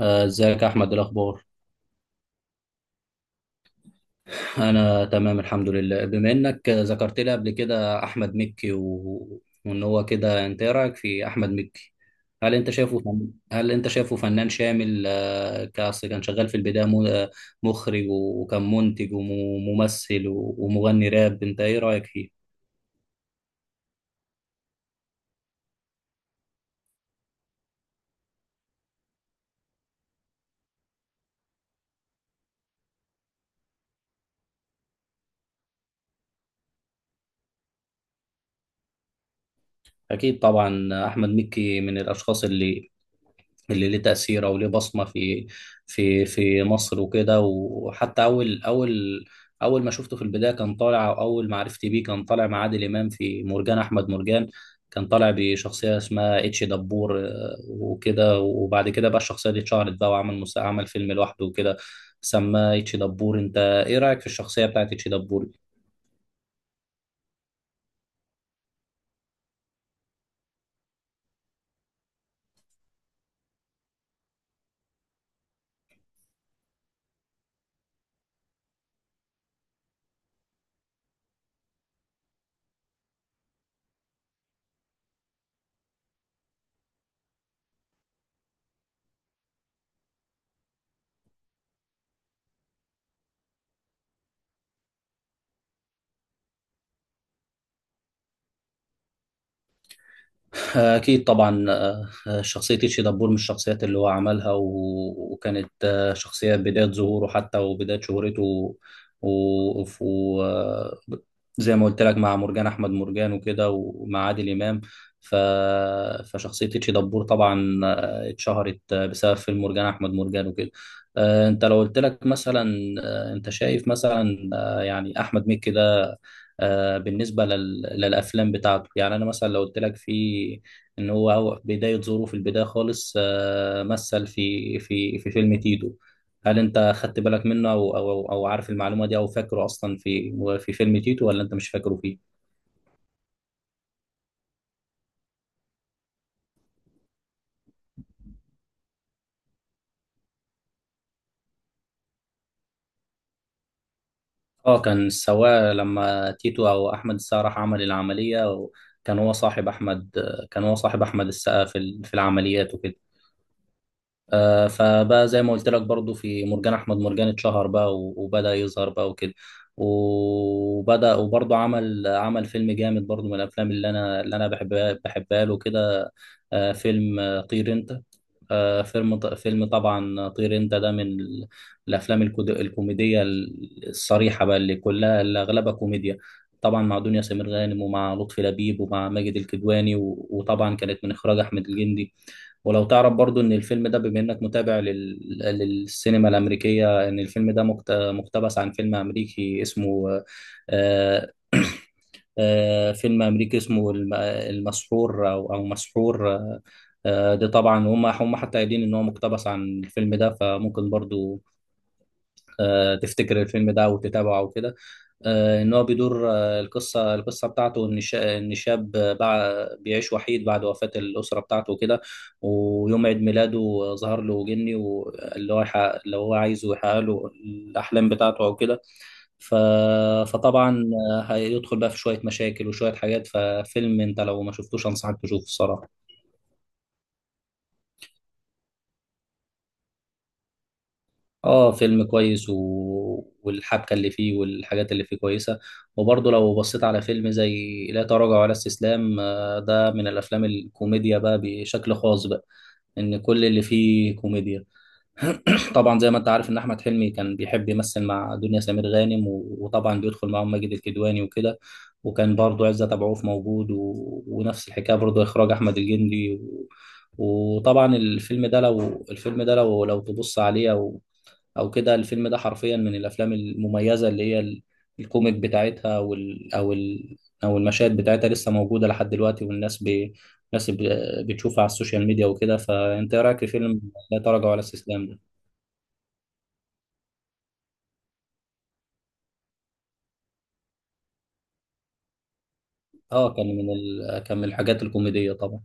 ازيك يا احمد؟ إيه الاخبار؟ انا تمام الحمد لله. بما انك ذكرت لي قبل كده احمد مكي و... وان هو كده، انت ايه رايك في احمد مكي؟ هل انت شايفه فنان شامل؟ كأصل كان شغال في البدايه م... آه، مخرج وكان منتج وممثل ومغني راب. انت ايه رايك فيه؟ اكيد طبعا احمد مكي من الاشخاص اللي ليه تأثير أو ليه بصمة في مصر وكده. وحتى أول ما شفته في البداية كان طالع، أو أول معرفتي بيه كان طالع مع عادل إمام في مرجان أحمد مرجان. كان طالع بشخصية اسمها اتش دبور، وكده. وبعد كده بقى الشخصية دي اتشهرت بقى وعمل عمل فيلم لوحده وكده، سماه اتش دبور. أنت إيه رأيك في الشخصية بتاعت اتش دبور؟ أكيد طبعا، شخصية تيتشي دبور من الشخصيات اللي هو عملها. وكانت شخصية بداية ظهوره حتى وبداية شهرته و... و... و... آه، زي ما قلت لك، مع مرجان أحمد مرجان وكده ومع عادل إمام. ف... فشخصية تيتشي دبور طبعا اتشهرت بسبب فيلم مرجان أحمد مرجان وكده. أنت لو قلت لك مثلا، أنت شايف مثلا يعني أحمد مكي ده، بالنسبة للأفلام بتاعته، يعني أنا مثلا لو قلت لك، إن هو بداية ظهوره في البداية خالص مثل في فيلم تيتو، هل أنت خدت بالك منه أو عارف المعلومة دي أو فاكره أصلا في فيلم تيتو، ولا أنت مش فاكره فيه؟ أه، كان سواء لما تيتو أو أحمد السقا راح عمل العملية، كان هو صاحب أحمد، كان هو صاحب أحمد السقا في العمليات وكده. فبقى زي ما قلت لك، برضو في مرجان احمد مرجان اتشهر بقى وبدأ يظهر بقى وكده. وبدأ وبرضو عمل فيلم جامد برضو من الافلام اللي انا بحبها له كده، فيلم طير انت. فيلم فيلم طبعا طير انت ده من الافلام الكوميديه الصريحه بقى، اللي كلها اللي اغلبها كوميديا. طبعا مع دنيا سمير غانم ومع لطفي لبيب ومع ماجد الكدواني، وطبعا كانت من اخراج احمد الجندي. ولو تعرف برضو ان الفيلم ده، بما انك متابع للسينما الامريكيه، ان الفيلم ده مقتبس عن فيلم امريكي اسمه آه... فيلم امريكي اسمه المسحور او مسحور. ده طبعا هم حتى قايلين ان هو مقتبس عن الفيلم ده. فممكن برضو تفتكر الفيلم ده وتتابعه وكده. ان هو بيدور، القصه بتاعته ان ان شاب بيعيش وحيد بعد وفاه الاسره بتاعته وكده. ويوم عيد ميلاده ظهر له جني، اللي هو عايزه يحقق له الاحلام بتاعته او كده. ف... فطبعا هيدخل بقى في شويه مشاكل وشويه حاجات. ففيلم انت لو ما شفتوش انصحك تشوفه الصراحه. اه، فيلم كويس والحبكه اللي فيه والحاجات اللي فيه كويسه. وبرضه لو بصيت على فيلم زي لا تراجع ولا استسلام، ده من الافلام الكوميديا بقى، بشكل خاص بقى، ان كل اللي فيه كوميديا. طبعا زي ما انت عارف ان احمد حلمي كان بيحب يمثل مع دنيا سمير غانم، وطبعا بيدخل معاهم ماجد الكدواني وكده. وكان برضه عزت ابو عوف موجود، ونفس الحكايه برضه اخراج احمد الجندي وطبعا الفيلم ده لو الفيلم ده لو تبص عليه او كده، الفيلم ده حرفيا من الافلام المميزه اللي هي الكوميك بتاعتها. وال او ال او المشاهد بتاعتها لسه موجوده لحد دلوقتي، والناس الناس ب... بتشوفها على السوشيال ميديا وكده. فانت ايه رايك في فيلم لا تراجع ولا استسلام ده؟ اه، كان كان من الحاجات الكوميديه طبعا.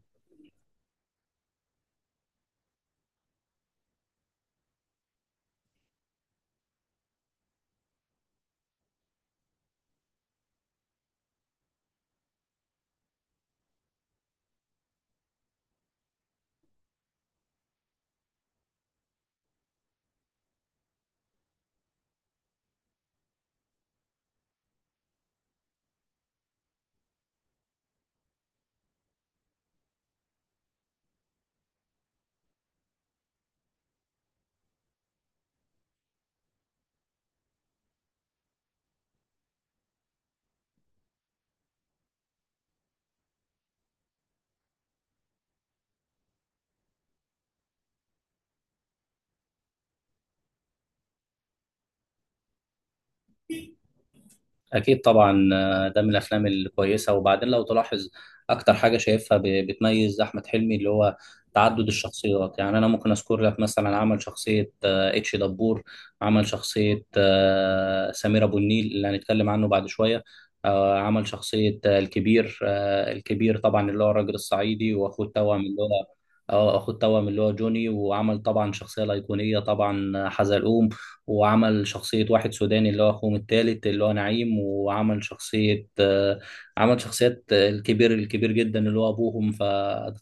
أكيد طبعا، ده من الأفلام الكويسة. وبعدين لو تلاحظ أكتر حاجة شايفها بتميز أحمد حلمي اللي هو تعدد الشخصيات. يعني أنا ممكن أذكر لك مثلا: عمل شخصية اتش دبور، عمل شخصية سمير أبو النيل اللي هنتكلم عنه بعد شوية، عمل شخصية الكبير، الكبير طبعا اللي هو الراجل الصعيدي، وأخوه التوأم اللي هو جوني. وعمل طبعا شخصية الأيقونية طبعا حزلقوم. وعمل شخصية واحد سوداني اللي هو أخوهم التالت اللي هو نعيم. وعمل شخصية آه، عمل شخصيات آه، الكبير الكبير جدا اللي هو أبوهم.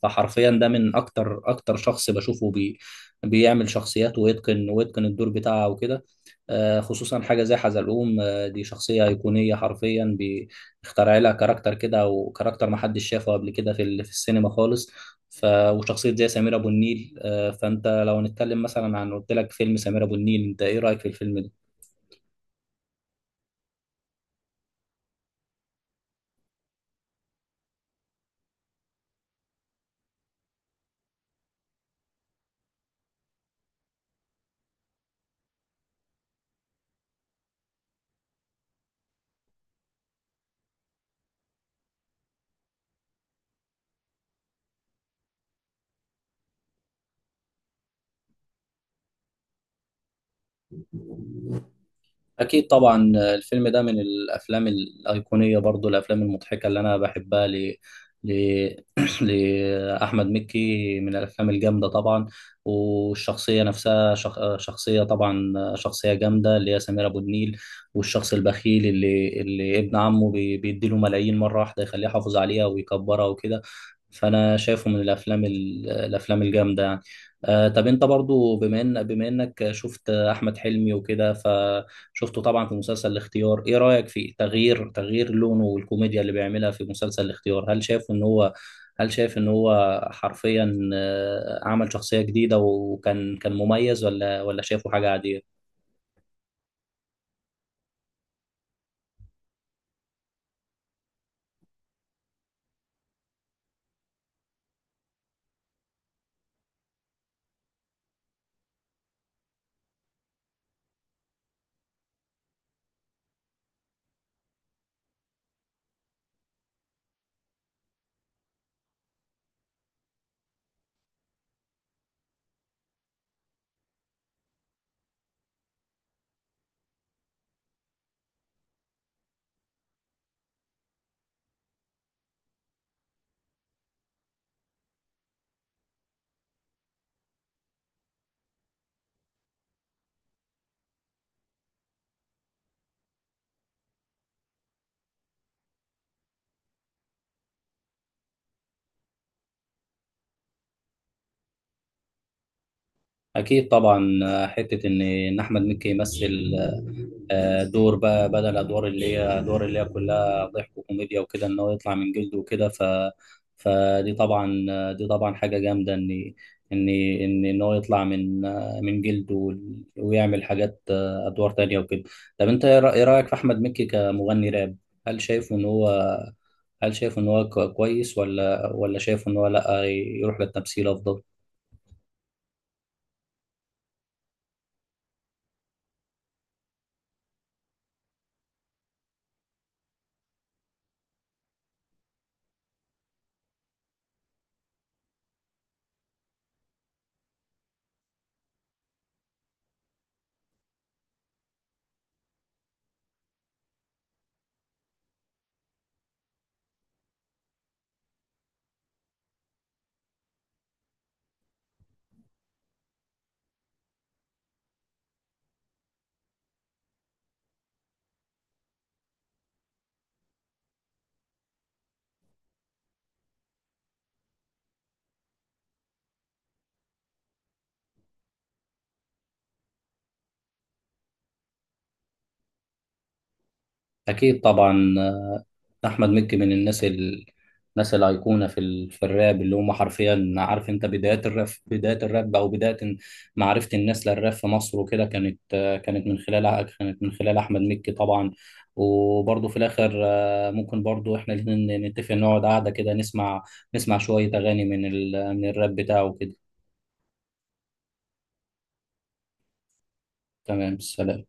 فحرفيا ده من أكتر شخص بشوفه بيعمل شخصيات ويتقن الدور بتاعه وكده. خصوصا حاجة زي حزلقوم، دي شخصية أيقونية حرفيا، بيخترع لها كاركتر كده، وكاركتر محدش شافه قبل كده في السينما خالص. وشخصية زي سمير أبو النيل، فأنت لو هنتكلم مثلا عن، قلت لك فيلم سمير أبو النيل، أنت إيه رأيك في الفيلم ده؟ أكيد طبعا، الفيلم ده من الأفلام الأيقونية، برضو الأفلام المضحكة اللي أنا بحبها ل... لأحمد مكي، من الأفلام الجامدة طبعا. والشخصية نفسها شخ... آه، شخصية طبعا آه، شخصية جامدة اللي هي سمير أبو النيل. والشخص البخيل اللي ابن عمه بيديله ملايين مرة واحدة، يخليه يحافظ عليها ويكبرها وكده. فانا شايفه من الافلام الافلام الجامده يعني. آه، طب انت برضو، بما انك شفت احمد حلمي وكده، فشفته طبعا في مسلسل الاختيار، ايه رايك في تغيير لونه والكوميديا اللي بيعملها في مسلسل الاختيار؟ هل شايف ان هو، هل شايف ان هو حرفيا عمل شخصيه جديده وكان مميز، ولا شايفه حاجه عاديه؟ اكيد طبعا، حته ان احمد مكي يمثل دور بقى بدل ادوار اللي هي كلها ضحك وكوميديا وكده، ان هو يطلع من جلده وكده. ف فدي طبعا دي طبعا حاجه جامده ان هو يطلع من من جلده ويعمل حاجات ادوار تانية وكده. طب انت ايه إيه رايك في احمد مكي كمغني راب؟ هل شايفه ان هو، كويس، ولا شايفه ان هو لا، يروح للتمثيل افضل؟ أكيد طبعا، أحمد مكي من الناس الناس الأيقونة في الراب، اللي هم حرفيا، عارف أنت بدايات الراب، بداية الراب أو بداية معرفة الناس للراب في مصر وكده، كانت كانت من خلال أحمد مكي طبعا. وبرضه في الآخر ممكن برضه إحنا الاتنين نتفق نقعد قعدة كده، نسمع شوية أغاني من الراب بتاعه كده. تمام، سلام.